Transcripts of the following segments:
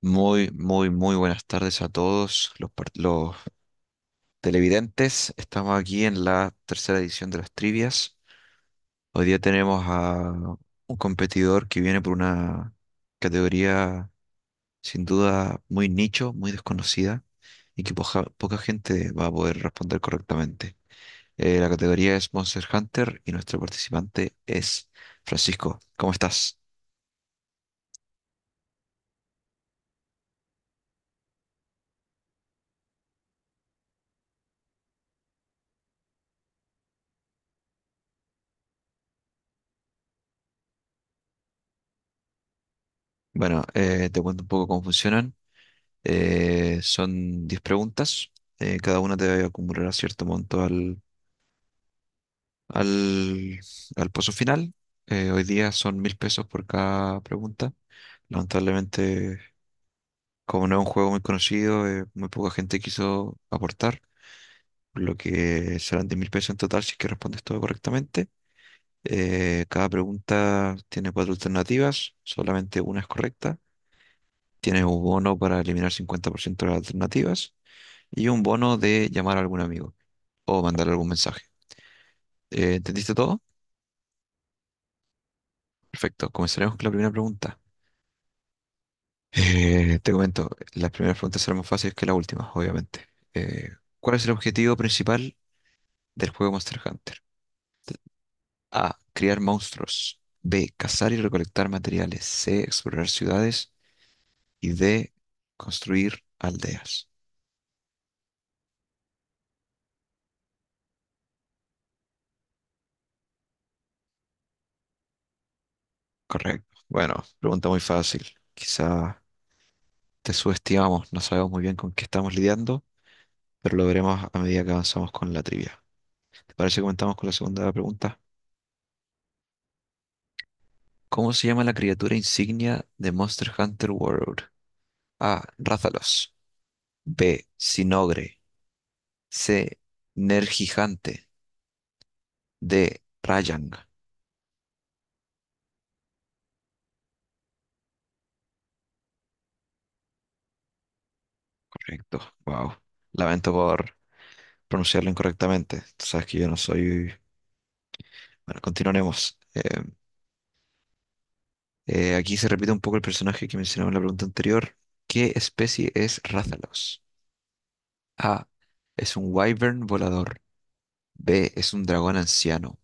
Muy, muy, muy buenas tardes a todos los televidentes. Estamos aquí en la tercera edición de las trivias. Hoy día tenemos a un competidor que viene por una categoría sin duda muy nicho, muy desconocida y que poca gente va a poder responder correctamente. La categoría es Monster Hunter y nuestro participante es Francisco. ¿Cómo estás? Bueno, te cuento un poco cómo funcionan. Son 10 preguntas. Cada una te acumulará cierto monto al, al pozo final. Hoy día son 1.000 pesos por cada pregunta. Lamentablemente, como no es un juego muy conocido, muy poca gente quiso aportar, por lo que serán 10.000 pesos en total si es que respondes todo correctamente. Cada pregunta tiene cuatro alternativas, solamente una es correcta. Tienes un bono para eliminar 50% de las alternativas y un bono de llamar a algún amigo. O mandar algún mensaje. ¿Entendiste todo? Perfecto, comenzaremos con la primera pregunta. Te comento, las primeras preguntas serán más fáciles que las últimas, obviamente. Eh, ¿Cuál es el objetivo principal del juego Monster Hunter? A. Criar monstruos. B. Cazar y recolectar materiales. C. Explorar ciudades. Y D. Construir aldeas. Correcto. Bueno, pregunta muy fácil. Quizá te subestimamos, no sabemos muy bien con qué estamos lidiando, pero lo veremos a medida que avanzamos con la trivia. ¿Te parece que comenzamos con la segunda pregunta? ¿Cómo se llama la criatura insignia de Monster Hunter World? A. Rathalos. B. Sinogre. C. Nergigante. D. Rayang. Correcto. Wow. Lamento por pronunciarlo incorrectamente. Tú sabes que yo no soy... Bueno, continuaremos. Aquí se repite un poco el personaje que mencionaba en la pregunta anterior. ¿Qué especie es Rathalos? A. Es un wyvern volador. B. Es un dragón anciano.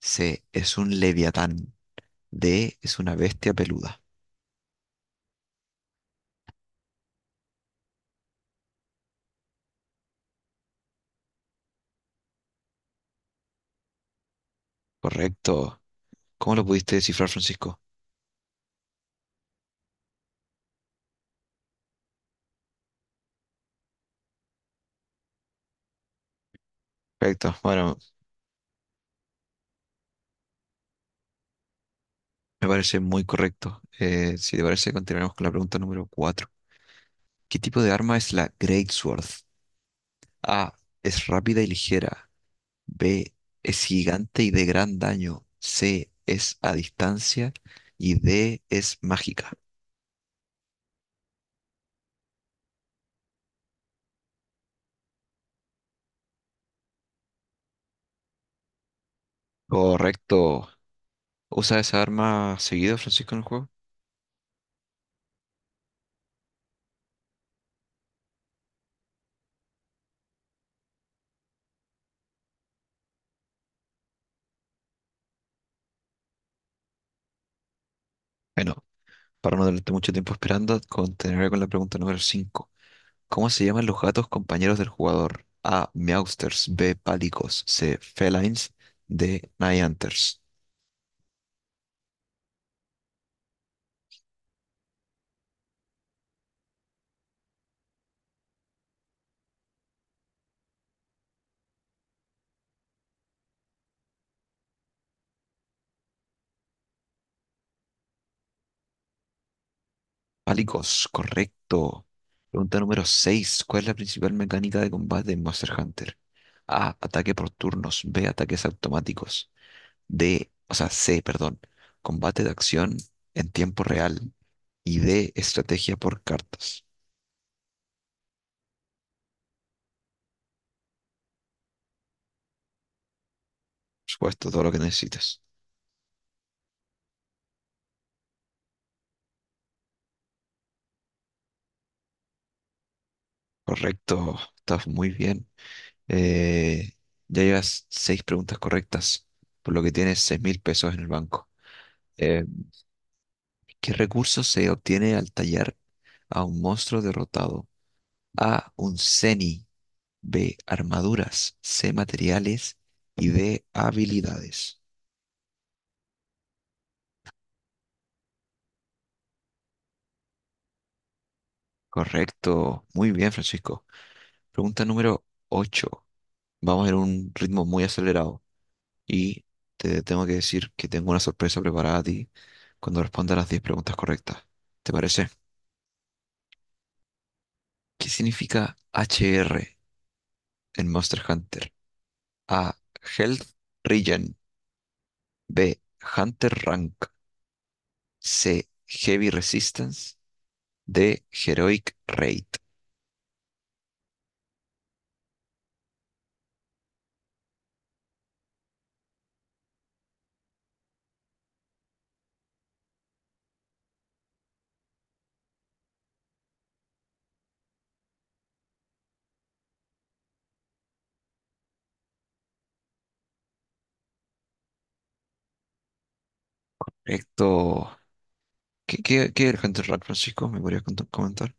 C. Es un leviatán. D. Es una bestia peluda. Correcto. ¿Cómo lo pudiste descifrar, Francisco? Correcto. Bueno, me parece muy correcto. Si te parece, continuaremos con la pregunta número 4. ¿Qué tipo de arma es la Greatsword? A. Es rápida y ligera. B. Es gigante y de gran daño. C. Es a distancia. Y D. Es mágica. Correcto. ¿Usa esa arma seguido, Francisco, en el juego? Bueno, para no darte mucho tiempo esperando, continuaré con la pregunta número 5. ¿Cómo se llaman los gatos compañeros del jugador? A. Meowsters. B. Palicos. C. Felines. D. Nighthunters. Palicos, correcto. Pregunta número 6. ¿Cuál es la principal mecánica de combate en Monster Hunter? A. Ataque por turnos. B. Ataques automáticos. D. O sea, C, perdón. Combate de acción en tiempo real. Y D. Estrategia por cartas. Por supuesto, todo lo que necesitas. Correcto, estás muy bien. Eh, ya llevas seis preguntas correctas, por lo que tienes 6.000 pesos en el banco. Eh, ¿Qué recurso se obtiene al tallar a un monstruo derrotado? A, un Zeni, B, armaduras, C, materiales y D, habilidades. Correcto, muy bien, Francisco. Pregunta número 8. Vamos en un ritmo muy acelerado. Y te tengo que decir que tengo una sorpresa preparada a ti cuando respondas las 10 preguntas correctas. ¿Te parece? ¿Qué significa HR en Monster Hunter? A. Health Regen. B. Hunter Rank. C. Heavy Resistance. D. Heroic Raid. Correcto. ¿Qué es el Hunter Rank, Francisco? ¿Me podrías comentar?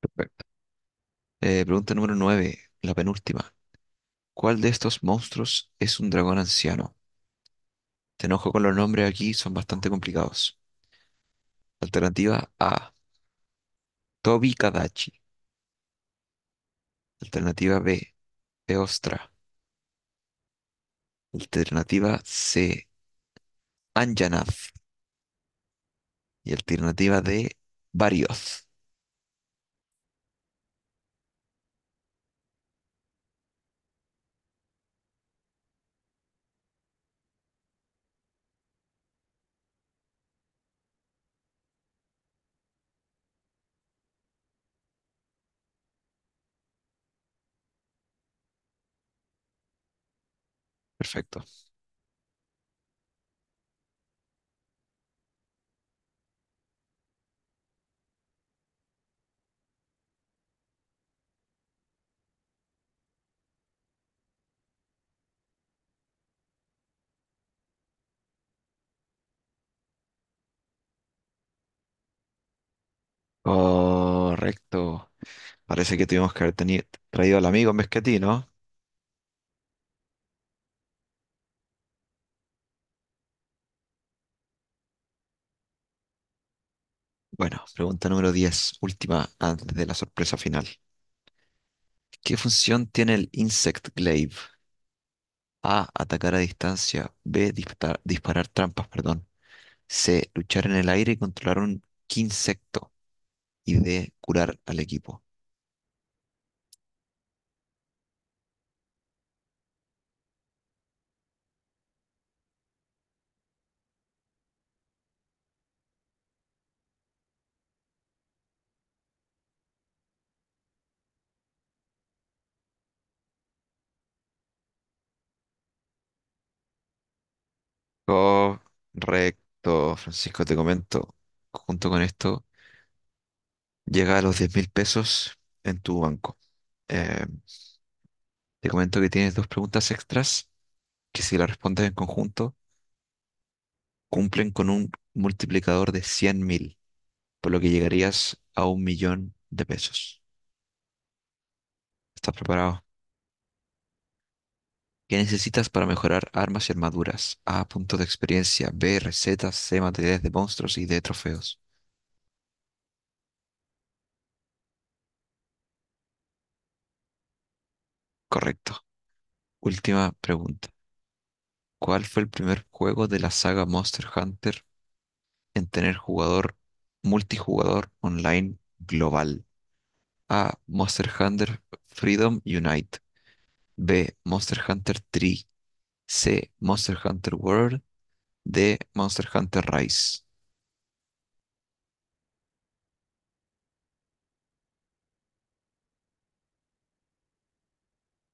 Perfecto. Pregunta número 9, la penúltima. ¿Cuál de estos monstruos es un dragón anciano? Te enojo con los nombres aquí, son bastante complicados. Alternativa A, Tobi Kadachi. Alternativa B, Eostra. Alternativa C, Anjanath. Y alternativa D, Barioth. Perfecto. Correcto. Parece que tuvimos que haber traído al amigo en vez que a ti, ¿no? Bueno, pregunta número 10, última antes de la sorpresa final. ¿Qué función tiene el Insect Glaive? A, atacar a distancia. B, disparar trampas, perdón. C. Luchar en el aire y controlar un insecto. Y D. Curar al equipo. Correcto, Francisco, te comento. Junto con esto, llega a los 10.000 pesos en tu banco. Eh, Te comento que tienes dos preguntas extras que si las respondes en conjunto, cumplen con un multiplicador de 100.000, por lo que llegarías a 1 millón de pesos. ¿Estás preparado? ¿Qué necesitas para mejorar armas y armaduras? A, puntos de experiencia. B, recetas. C, materiales de monstruos y D, trofeos. Correcto. Última pregunta. ¿Cuál fue el primer juego de la saga Monster Hunter en tener jugador multijugador online global? A, Monster Hunter Freedom Unite. B, Monster Hunter 3. C, Monster Hunter World. D, Monster Hunter Rise.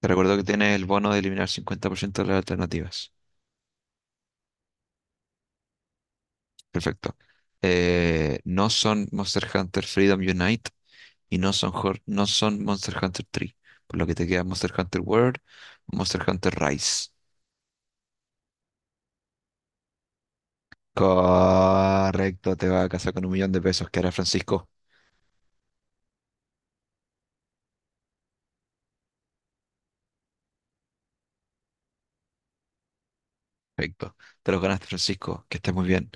Te recuerdo que tienes el bono de eliminar 50% de las alternativas. Perfecto. No son Monster Hunter Freedom Unite y no son, no son Monster Hunter 3. Por lo que te queda Monster Hunter World, Monster Hunter Rise. Correcto, te va a casar con 1 millón de pesos que hará Francisco. Perfecto. Te los ganaste, Francisco. Que estés muy bien.